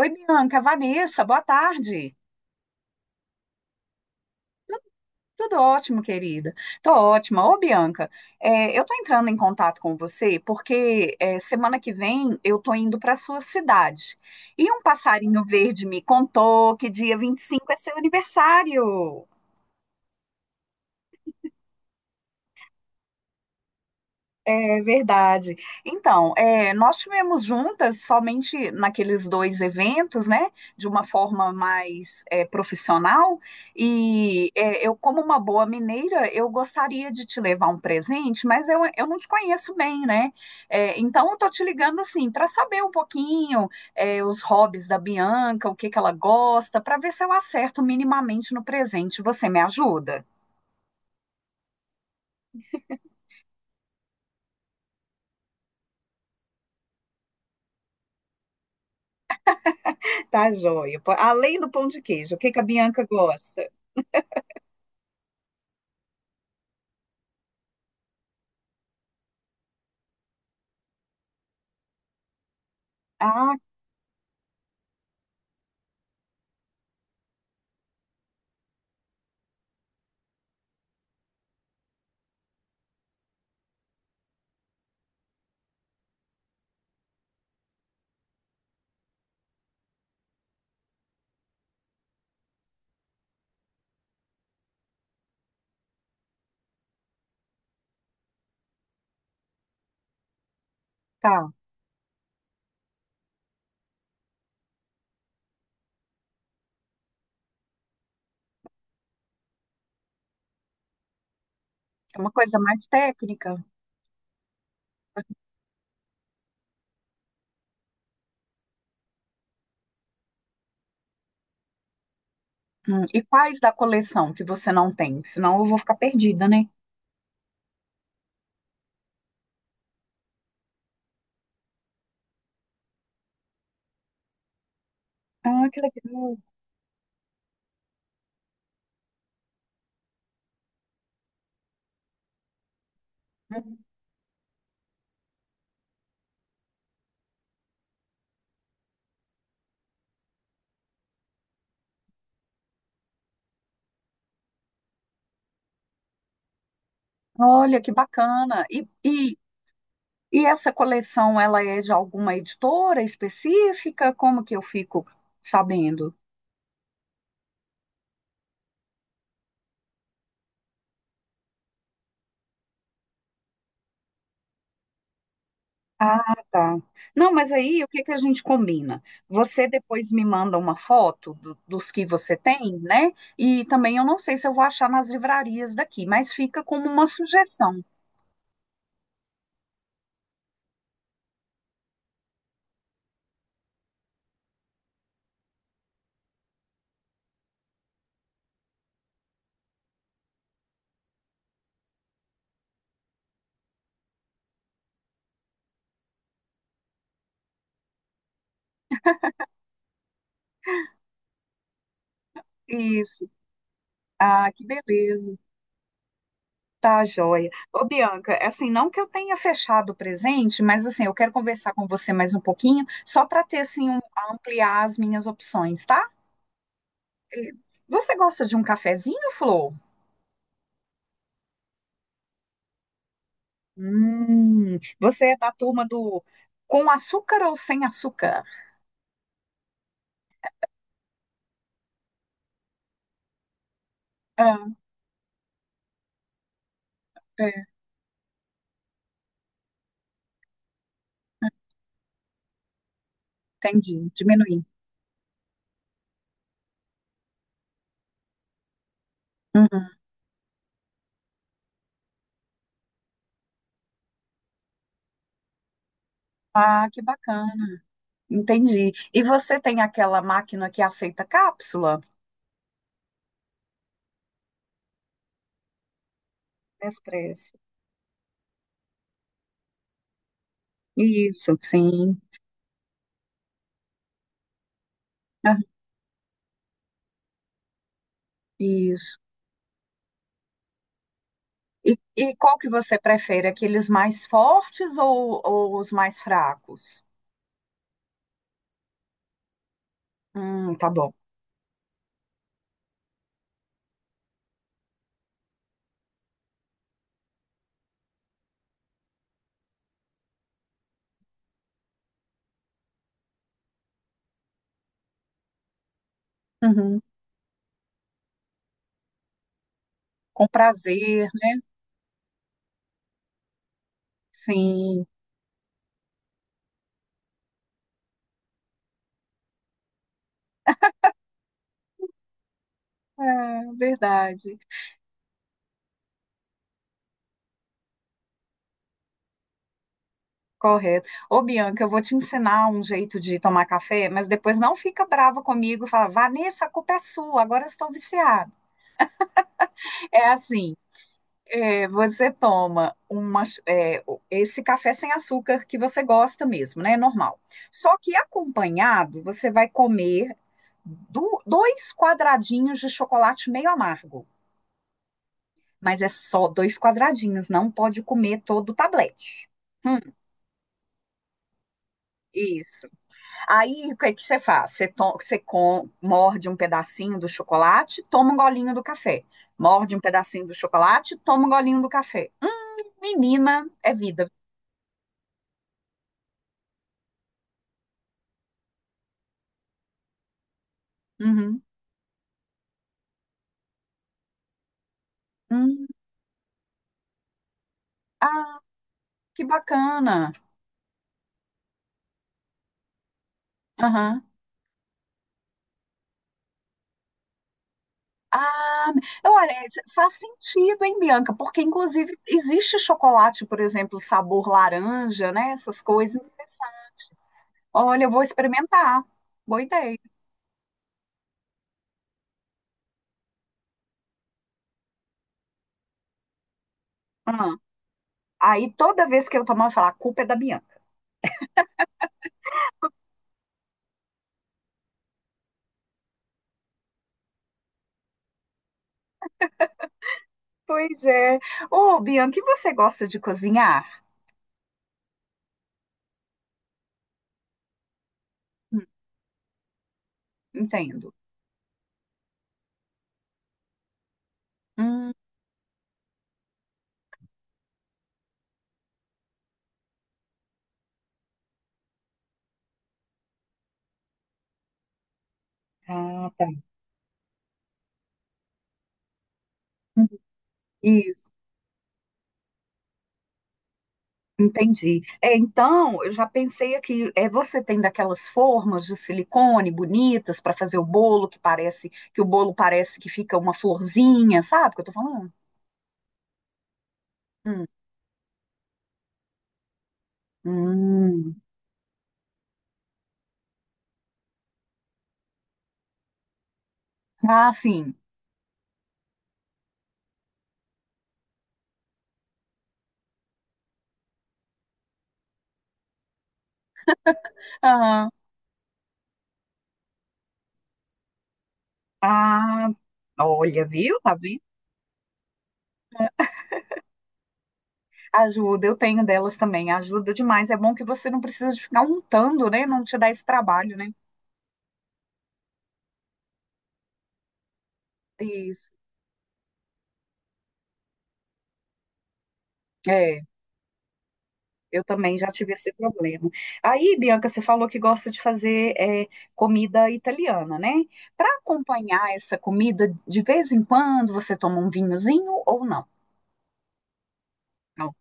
Oi, Bianca, Vanessa, boa tarde. Tudo ótimo, querida. Tô ótima. Ô, Bianca, eu tô entrando em contato com você porque, semana que vem eu tô indo para sua cidade. E um passarinho verde me contou que dia 25 é seu aniversário. É verdade. Então, nós tivemos juntas somente naqueles dois eventos, né? De uma forma mais profissional. E eu, como uma boa mineira, eu gostaria de te levar um presente, mas eu não te conheço bem, né? É, então, eu tô te ligando assim para saber um pouquinho, os hobbies da Bianca, o que que ela gosta, para ver se eu acerto minimamente no presente. Você me ajuda? Tá joia. Pô, além do pão de queijo, o que que a Bianca gosta? Ah. Tá, é uma coisa mais técnica. Hum. E quais da coleção que você não tem? Senão eu vou ficar perdida, né? Ah, que legal. Olha, que bacana. E essa coleção, ela é de alguma editora específica? Como que eu fico sabendo? Ah, tá. Não, mas aí o que que a gente combina? Você depois me manda uma foto dos que você tem, né? E também eu não sei se eu vou achar nas livrarias daqui, mas fica como uma sugestão. Isso. Ah, que beleza. Tá, joia. Ô, Bianca, é assim, não que eu tenha fechado o presente, mas assim, eu quero conversar com você mais um pouquinho, só para ter assim, ampliar as minhas opções, tá? Eh, você gosta de um cafezinho, Flor? Você é da turma do com açúcar ou sem açúcar? Ah, é, entendi, diminuir. Uhum. Ah, que bacana. Entendi. E você tem aquela máquina que aceita cápsula? Expresso. Isso, sim. Ah, isso. E qual que você prefere? Aqueles mais fortes ou os mais fracos? Tá bom. Uhum. Com prazer, né? Sim, é verdade. Correto. Ô, Bianca, eu vou te ensinar um jeito de tomar café, mas depois não fica brava comigo e fala, Vanessa, a culpa é sua, agora eu estou viciada. É assim. É, você toma esse café sem açúcar que você gosta mesmo, né? É normal. Só que acompanhado, você vai comer dois quadradinhos de chocolate meio amargo. Mas é só dois quadradinhos, não pode comer todo o tablete. Hum, isso. Aí, o que é que você faz? Você morde um pedacinho do chocolate, toma um golinho do café. Morde um pedacinho do chocolate, toma um golinho do café. Menina, é vida. Uhum. Hum, ah, que bacana. Aham. Ah, olha, isso faz sentido, hein, Bianca? Porque, inclusive, existe chocolate, por exemplo, sabor laranja, né? Essas coisas interessantes. Olha, eu vou experimentar. Boa ideia. Ah, aí, toda vez que eu tomar, eu falar, a culpa é da Bianca. Pois é. Ô, Bianca, e você gosta de cozinhar? Hum, entendo. Hum, ah, tá. Isso. Entendi. É, então, eu já pensei aqui, você tem daquelas formas de silicone bonitas para fazer o bolo, que parece que o bolo parece que fica uma florzinha, sabe o que eu tô falando? Hum. Hum. Ah, sim. Aham. Ah, olha, viu? Tá vendo? Ajuda, eu tenho delas também, ajuda demais. É bom que você não precisa de ficar untando, né? Não te dá esse trabalho, né? Isso. É. Eu também já tive esse problema. Aí, Bianca, você falou que gosta de fazer comida italiana, né? Para acompanhar essa comida, de vez em quando você toma um vinhozinho ou não? Não.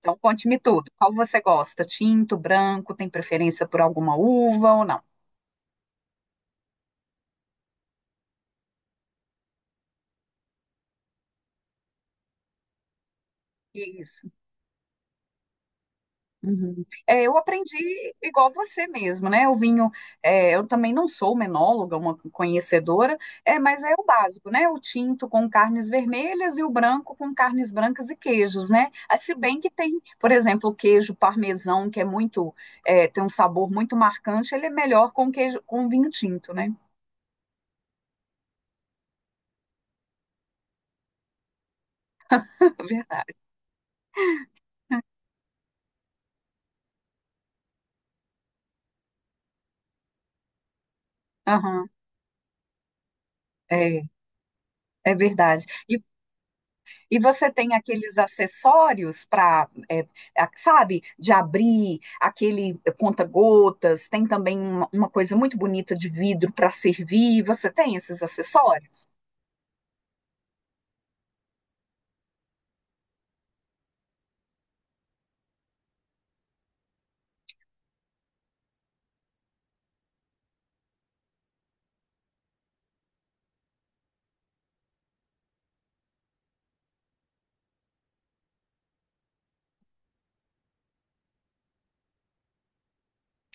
Então, conte-me tudo. Qual você gosta? Tinto, branco? Tem preferência por alguma uva ou não? Isso. Uhum. É, eu aprendi igual você mesmo, né? O vinho, é, eu também não sou uma enóloga, uma conhecedora, mas é o básico, né? O tinto com carnes vermelhas e o branco com carnes brancas e queijos, né? Ah, se bem que tem, por exemplo, o queijo parmesão, que é muito, tem um sabor muito marcante, ele é melhor com queijo, com vinho tinto, né? Verdade. Aham, é, é verdade. E você tem aqueles acessórios para, sabe, de abrir, aquele conta-gotas, tem também uma coisa muito bonita de vidro para servir. Você tem esses acessórios?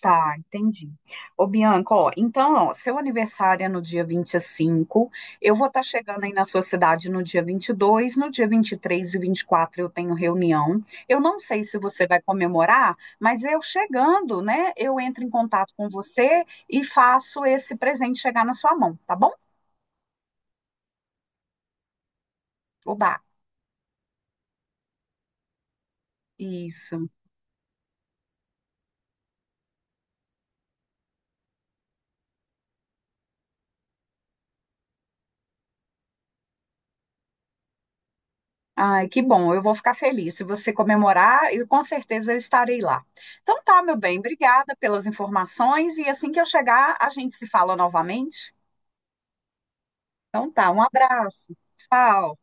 Tá, entendi. Ô, Bianca, ó, então, ó, seu aniversário é no dia 25, eu vou estar chegando aí na sua cidade no dia 22, no dia 23, e 24 eu tenho reunião. Eu não sei se você vai comemorar, mas eu chegando, né, eu entro em contato com você e faço esse presente chegar na sua mão, tá bom? Oba, isso. Ai, que bom, eu vou ficar feliz. Se você comemorar, eu com certeza eu estarei lá. Então tá, meu bem, obrigada pelas informações e assim que eu chegar, a gente se fala novamente. Então tá, um abraço. Tchau.